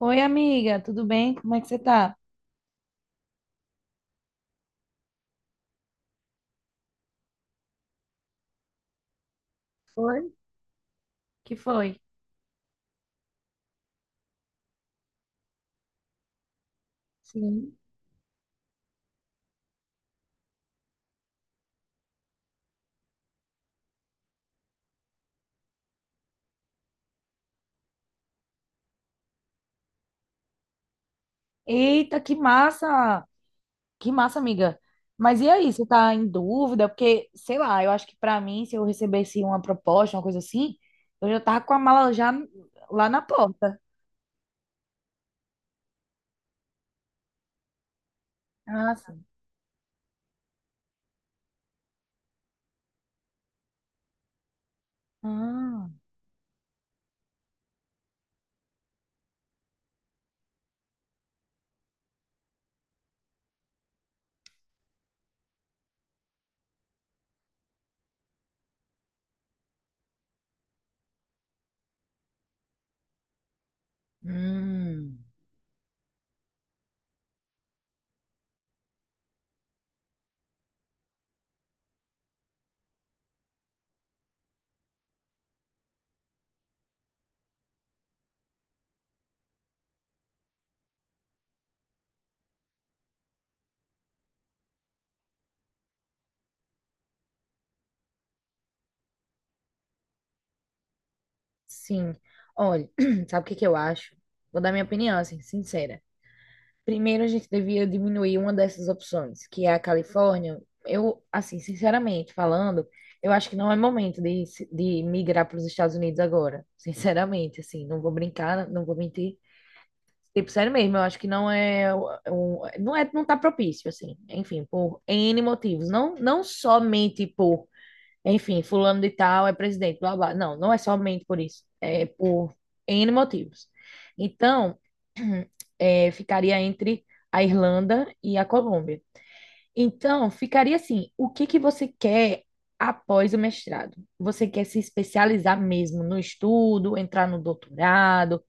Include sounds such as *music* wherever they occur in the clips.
Oi, amiga, tudo bem? Como é que você tá? Oi? Que foi? Sim. Eita, que massa! Que massa, amiga. Mas e aí, você tá em dúvida? Porque, sei lá, eu acho que pra mim, se eu recebesse uma proposta, uma coisa assim, eu já tava com a mala já lá na porta. Ah, sim. Ah, hum, sim. Olha, *clears throat* sabe o que que eu acho? Vou dar minha opinião, assim, sincera. Primeiro, a gente devia diminuir uma dessas opções, que é a Califórnia. Eu, assim, sinceramente falando, eu acho que não é momento de, de migrar para os Estados Unidos agora. Sinceramente, assim, não vou brincar, não vou mentir. Tipo, sério mesmo, eu acho que não é, não é, não tá propício, assim. Enfim, por N motivos. Não, não somente por, enfim, fulano de tal é presidente, blá, blá. Não, não é somente por isso. É por N motivos. Então, ficaria entre a Irlanda e a Colômbia. Então, ficaria assim: o que que você quer após o mestrado? Você quer se especializar mesmo no estudo, entrar no doutorado,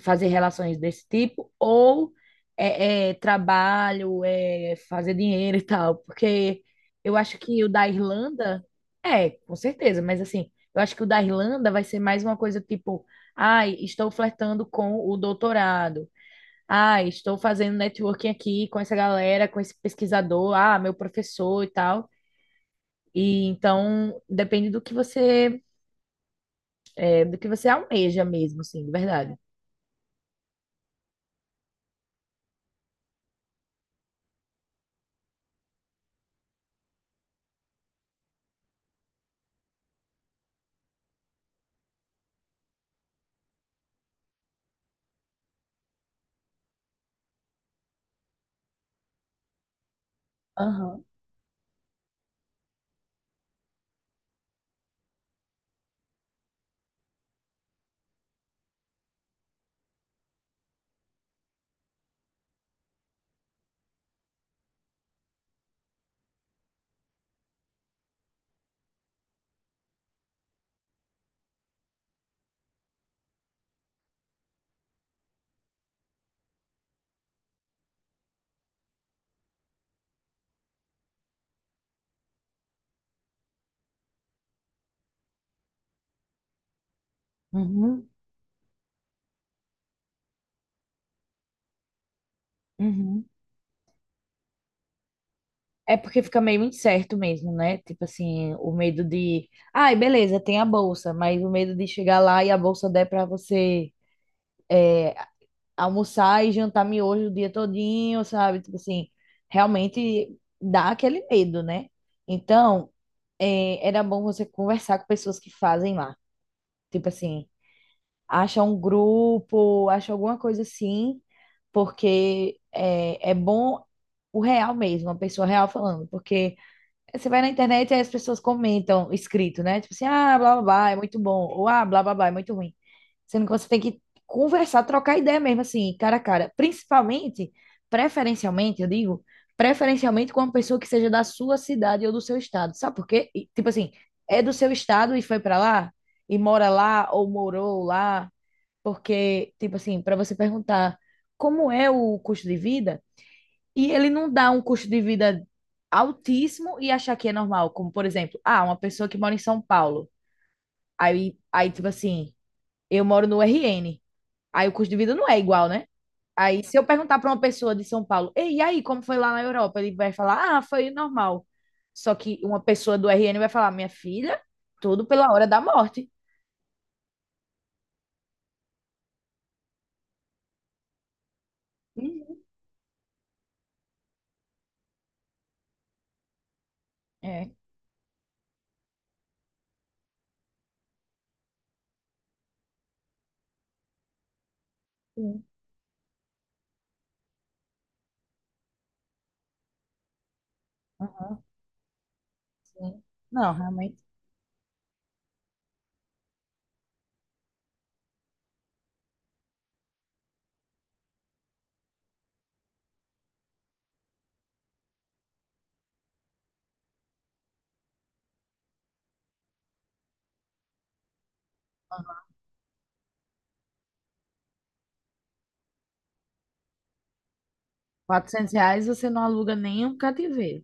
fazer relações desse tipo, ou trabalho, fazer dinheiro e tal? Porque eu acho que o da Irlanda, com certeza, mas assim, eu acho que o da Irlanda vai ser mais uma coisa tipo: ai, estou flertando com o doutorado. Ah, estou fazendo networking aqui com essa galera, com esse pesquisador, ah, meu professor e tal. E então depende do que você almeja mesmo, assim, de verdade. Aham. Uhum. Uhum. É porque fica meio incerto mesmo, né? Tipo assim, o medo de, ai, beleza, tem a bolsa, mas o medo de chegar lá e a bolsa der para você almoçar e jantar miojo o dia todinho, sabe? Tipo assim, realmente dá aquele medo, né? Então, era bom você conversar com pessoas que fazem lá. Tipo assim, acha um grupo, acha alguma coisa assim, porque é bom o real mesmo, a pessoa real falando, porque você vai na internet e aí as pessoas comentam escrito, né? Tipo assim, ah, blá blá blá, é muito bom. Ou ah, blá blá blá, é muito ruim. Sendo que você tem que conversar, trocar ideia mesmo, assim, cara a cara. Principalmente, preferencialmente, eu digo, preferencialmente com uma pessoa que seja da sua cidade ou do seu estado. Sabe por quê? E, tipo assim, é do seu estado e foi pra lá, e mora lá, ou morou lá. Porque, tipo assim, pra você perguntar como é o custo de vida. E ele não dá um custo de vida altíssimo e achar que é normal. Como, por exemplo, ah, uma pessoa que mora em São Paulo. Aí, tipo assim, eu moro no RN. Aí o custo de vida não é igual, né? Aí, se eu perguntar para uma pessoa de São Paulo, Ei, e aí, como foi lá na Europa? Ele vai falar, ah, foi normal. Só que uma pessoa do RN vai falar, minha filha, tudo pela hora da morte. Uhum. É, sim. Aham, sim. Não, realmente. Quatrocentos reais você não aluga nem um cativeiro.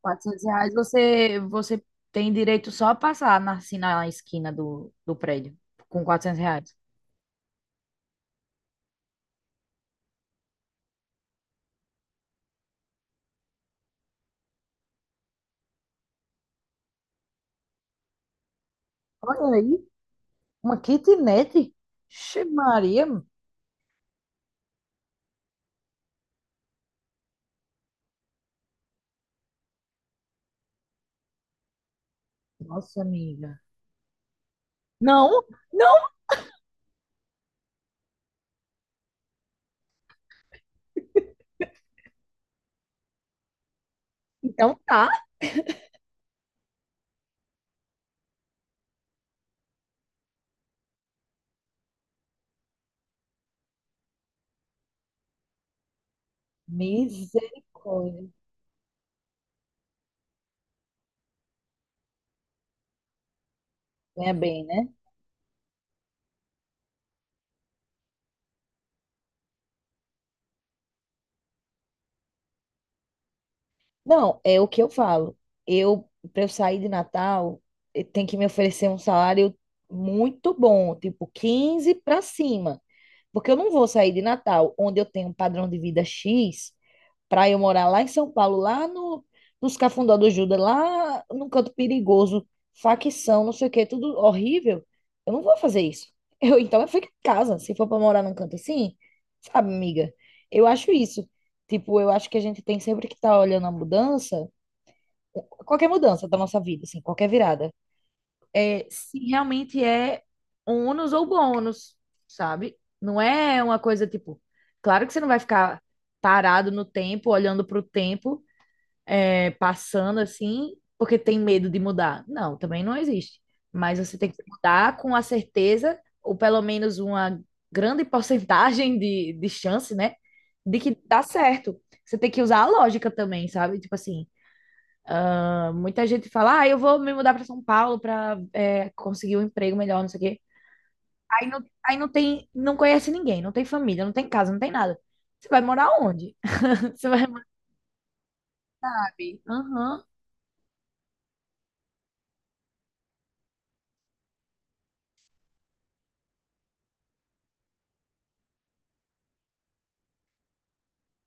R$ 400 você tem direito só a passar na, assim, na esquina do prédio com R$ 400. Olha aí, uma kitnet. Xe Maria. Nossa, amiga. Não, não. Então tá. Misericórdia. Ganha bem, né? Não, é o que eu falo. Para eu sair de Natal, tem que me oferecer um salário muito bom, tipo 15 para cima. Porque eu não vou sair de Natal, onde eu tenho um padrão de vida X, para eu morar lá em São Paulo, lá no, nos Cafundó do Judas, lá num canto perigoso, facção, não sei o quê, tudo horrível, eu não vou fazer isso. *laughs* Então eu fico em casa, se for para morar num canto assim, sabe, amiga? Eu acho isso. Tipo, eu acho que a gente tem sempre que estar tá olhando a mudança, qualquer mudança da nossa vida, assim, qualquer virada, se realmente é ônus ou bônus, sabe? Não é uma coisa tipo, claro que você não vai ficar parado no tempo, olhando para o tempo, passando assim porque tem medo de mudar. Não, também não existe. Mas você tem que mudar com a certeza, ou pelo menos uma grande porcentagem de chance, né? De que dá certo. Você tem que usar a lógica também, sabe? Tipo assim, ah, muita gente fala, ah, eu vou me mudar para São Paulo para conseguir um emprego melhor, não sei o quê. Aí não, aí não tem, não conhece ninguém, não tem família, não tem casa, não tem nada. Você vai morar onde? *laughs* Você vai morar ali? Aham.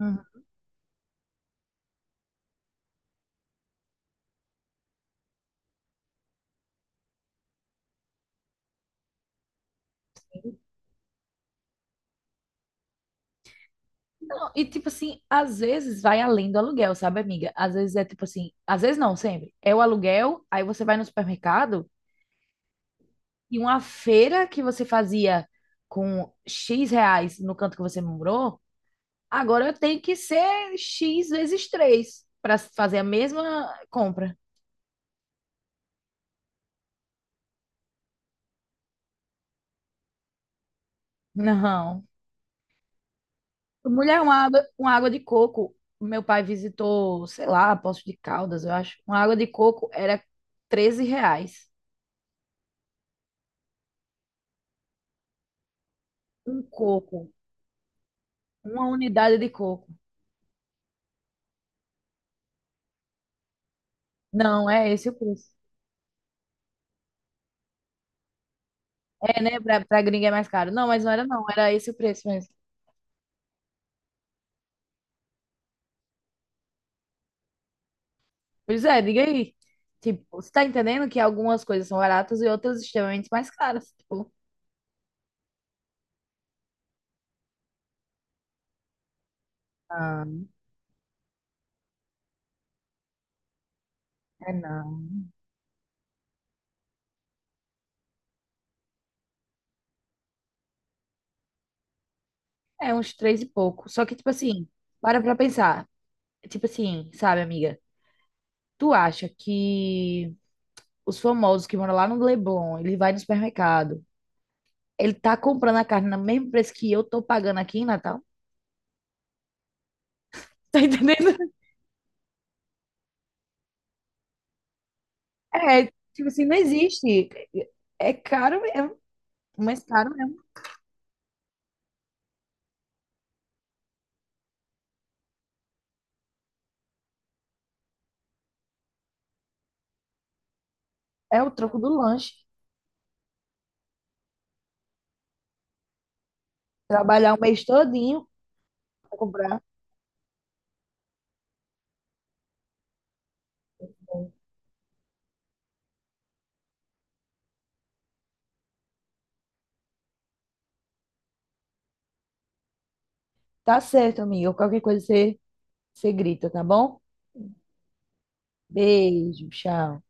Uhum. Não, e tipo assim, às vezes vai além do aluguel, sabe, amiga? Às vezes é tipo assim, às vezes não, sempre. É o aluguel, aí você vai no supermercado e uma feira que você fazia com X reais no canto que você morou, agora eu tenho que ser X vezes 3 para fazer a mesma compra. Não. Mulher, uma água de coco. Meu pai visitou, sei lá, Poço de Caldas, eu acho. Uma água de coco era R$ 13. Um coco, uma unidade de coco. Não, é esse o preço. É, né? Pra gringa é mais caro. Não, mas não era não, era esse o preço mesmo. Pois é, diga aí. Tipo, você tá entendendo que algumas coisas são baratas e outras extremamente mais caras. Tipo, ah, é não. É uns três e pouco. Só que, tipo assim, para pra pensar. Tipo assim, sabe, amiga? Tu acha que os famosos que moram lá no Leblon, ele vai no supermercado, ele tá comprando a carne no mesmo preço que eu tô pagando aqui em Natal? *laughs* Tá entendendo? É, tipo assim, não existe. É caro, mas caro mesmo. É o troco do lanche. Trabalhar o mês todinho pra comprar. Tá certo, amiga. Qualquer coisa você, grita, tá bom? Beijo, tchau.